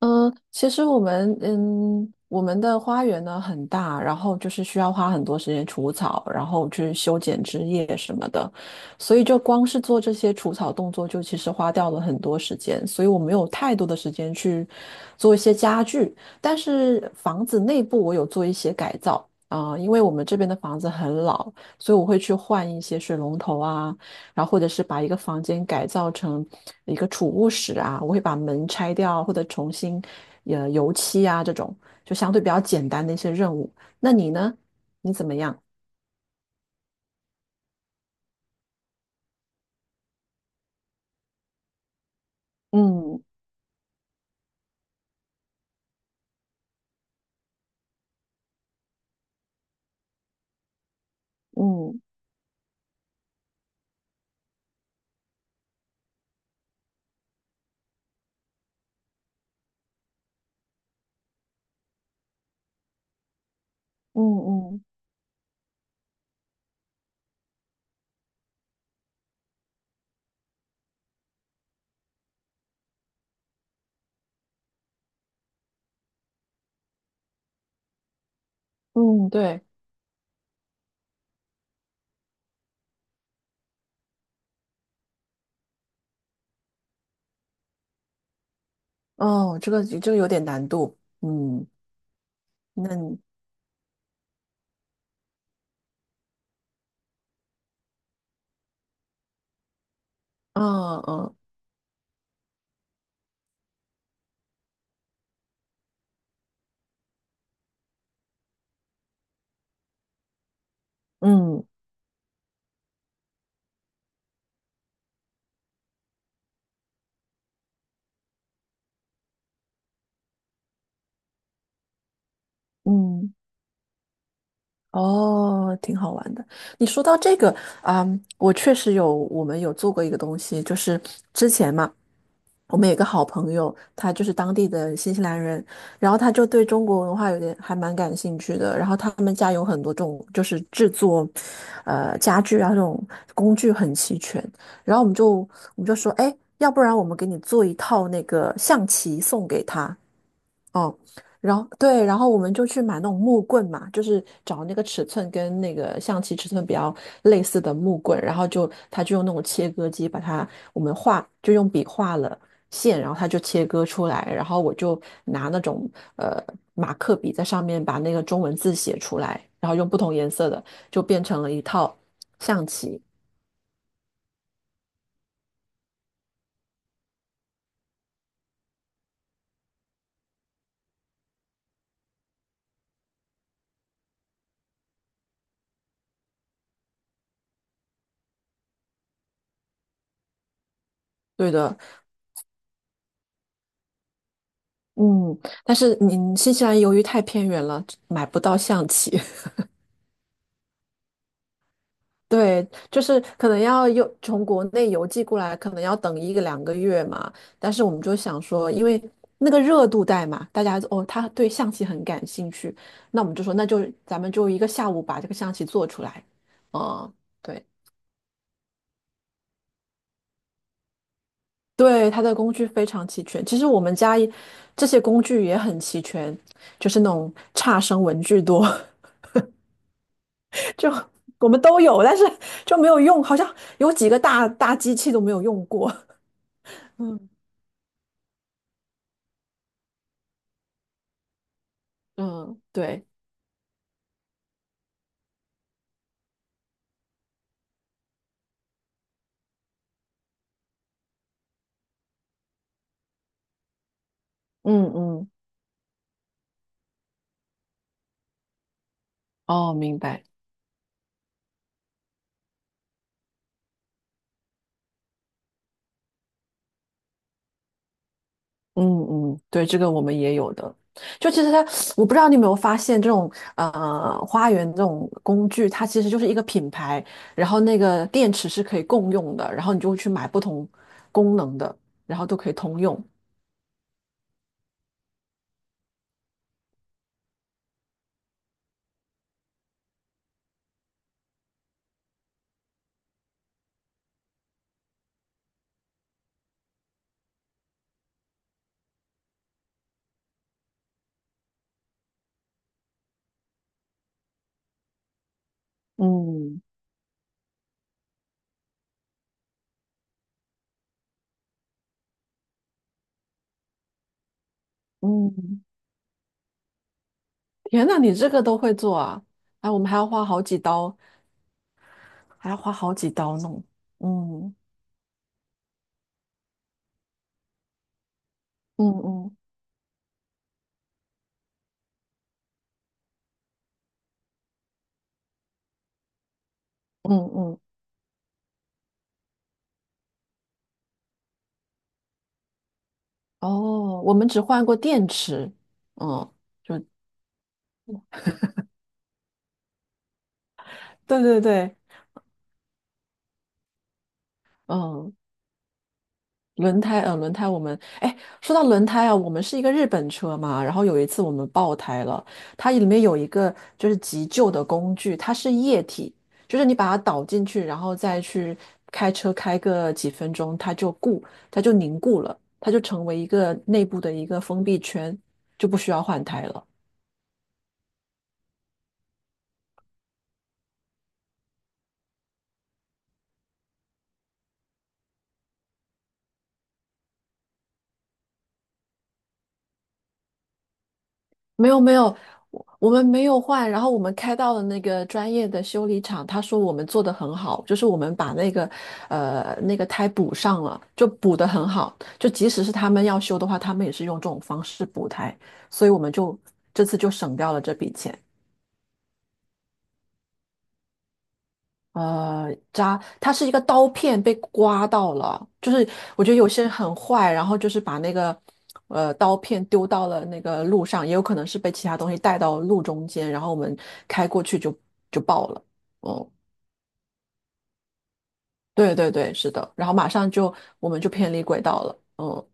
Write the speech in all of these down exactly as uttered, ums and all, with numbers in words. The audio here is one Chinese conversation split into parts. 嗯，其实我们嗯，我们的花园呢很大，然后就是需要花很多时间除草，然后去修剪枝叶什么的，所以就光是做这些除草动作，就其实花掉了很多时间，所以我没有太多的时间去做一些家具，但是房子内部我有做一些改造啊，因为我们这边的房子很老，所以我会去换一些水龙头啊。然后或者是把一个房间改造成一个储物室啊，我会把门拆掉或者重新呃油漆啊这种，就相对比较简单的一些任务。那你呢？你怎么样？嗯嗯嗯嗯嗯，对，哦，这个这个有点难度，嗯，那你，嗯嗯嗯嗯，哦，挺好玩的。你说到这个啊，我确实有，我们有做过一个东西，就是之前嘛。我们有一个好朋友，他就是当地的新西兰人，然后他就对中国文化有点还蛮感兴趣的。然后他们家有很多这种就是制作，呃，家具啊这种工具很齐全。然后我们就我们就说，哎，要不然我们给你做一套那个象棋送给他。哦，然后对，然后我们就去买那种木棍嘛，就是找那个尺寸跟那个象棋尺寸比较类似的木棍，然后就他就用那种切割机把它，我们画就用笔画了线，然后他就切割出来，然后我就拿那种呃马克笔在上面把那个中文字写出来，然后用不同颜色的就变成了一套象棋。对的，嗯，但是你新西兰由于太偏远了，买不到象棋。对，就是可能要邮从国内邮寄过来，可能要等一个两个月嘛。但是我们就想说，因为那个热度带嘛，大家哦，他对象棋很感兴趣，那我们就说，那就咱们就一个下午把这个象棋做出来。嗯，对对，它的工具非常齐全。其实我们家也这些工具也很齐全，就是那种差生文具多，就我们都有，但是就没有用，好像有几个大大机器都没有用过。嗯嗯，对。嗯嗯，哦，明白，嗯嗯，对，这个我们也有的。就其实它，我不知道你有没有发现，这种呃花园这种工具，它其实就是一个品牌，然后那个电池是可以共用的，然后你就会去买不同功能的，然后都可以通用。嗯嗯，天呐，你这个都会做啊？哎，我们还要花好几刀，还要花好几刀弄。嗯嗯嗯嗯嗯，哦，我们只换过电池，嗯。就对对对，嗯，轮胎，呃，轮胎，我们，哎，说到轮胎啊，我们是一个日本车嘛，然后有一次我们爆胎了，它里面有一个就是急救的工具，它是液体，就是你把它倒进去，然后再去开车开个几分钟，它就固，它就凝固了，它就成为一个内部的一个封闭圈，就不需要换胎了。没有没有，我我们没有换，然后我们开到了那个专业的修理厂，他说我们做的很好，就是我们把那个呃那个胎补上了，就补的很好，就即使是他们要修的话，他们也是用这种方式补胎，所以我们就这次就省掉了这笔钱。呃，扎，它是一个刀片被刮到了，就是我觉得有些人很坏，然后就是把那个呃刀片丢到了那个路上，也有可能是被其他东西带到路中间，然后我们开过去就就爆了。嗯，对对对，是的，然后马上就我们就偏离轨道了。嗯，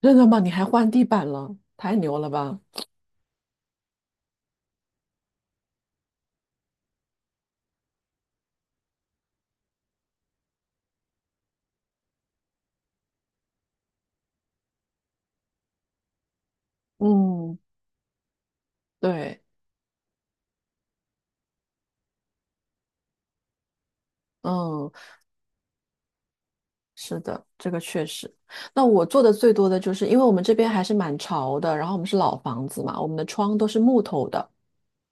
真的吗？你还换地板了？太牛了吧！嗯，对，嗯。是的，这个确实。那我做的最多的就是，因为我们这边还是蛮潮的，然后我们是老房子嘛，我们的窗都是木头的，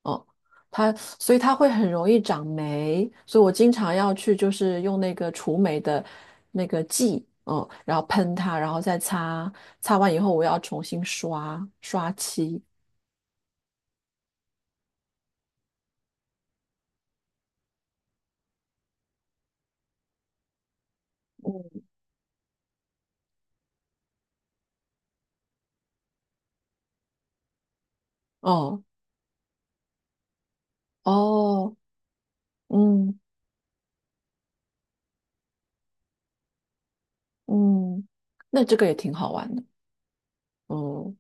嗯，它所以它会很容易长霉，所以我经常要去就是用那个除霉的那个剂，嗯，然后喷它，然后再擦，擦完以后我要重新刷刷漆，哦哦，嗯嗯，那这个也挺好玩的，嗯。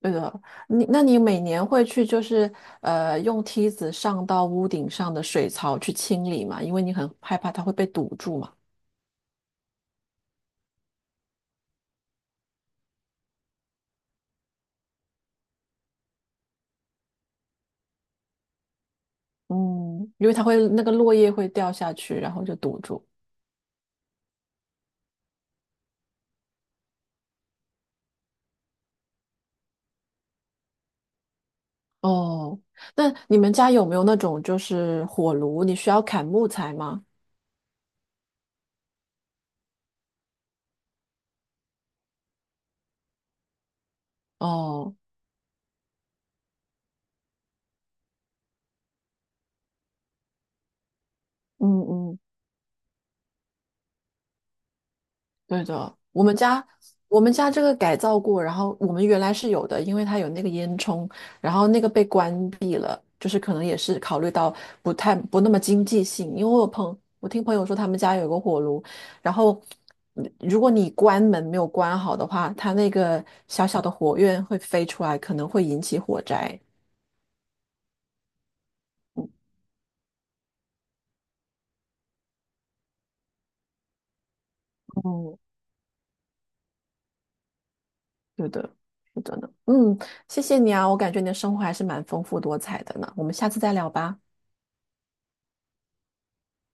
对的，你那你每年会去就是呃用梯子上到屋顶上的水槽去清理嘛？因为你很害怕它会被堵住嘛。嗯，因为它会那个落叶会掉下去，然后就堵住。哦，那你们家有没有那种就是火炉？你需要砍木材吗？哦，嗯嗯。对的，我们家我们家这个改造过，然后我们原来是有的，因为它有那个烟囱，然后那个被关闭了，就是可能也是考虑到不太不那么经济性，因为我有朋我听朋友说他们家有个火炉，然后嗯如果你关门没有关好的话，它那个小小的火焰会飞出来，可能会引起火灾。嗯，哦对的，是的呢。嗯，谢谢你啊，我感觉你的生活还是蛮丰富多彩的呢，我们下次再聊吧，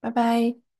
拜拜。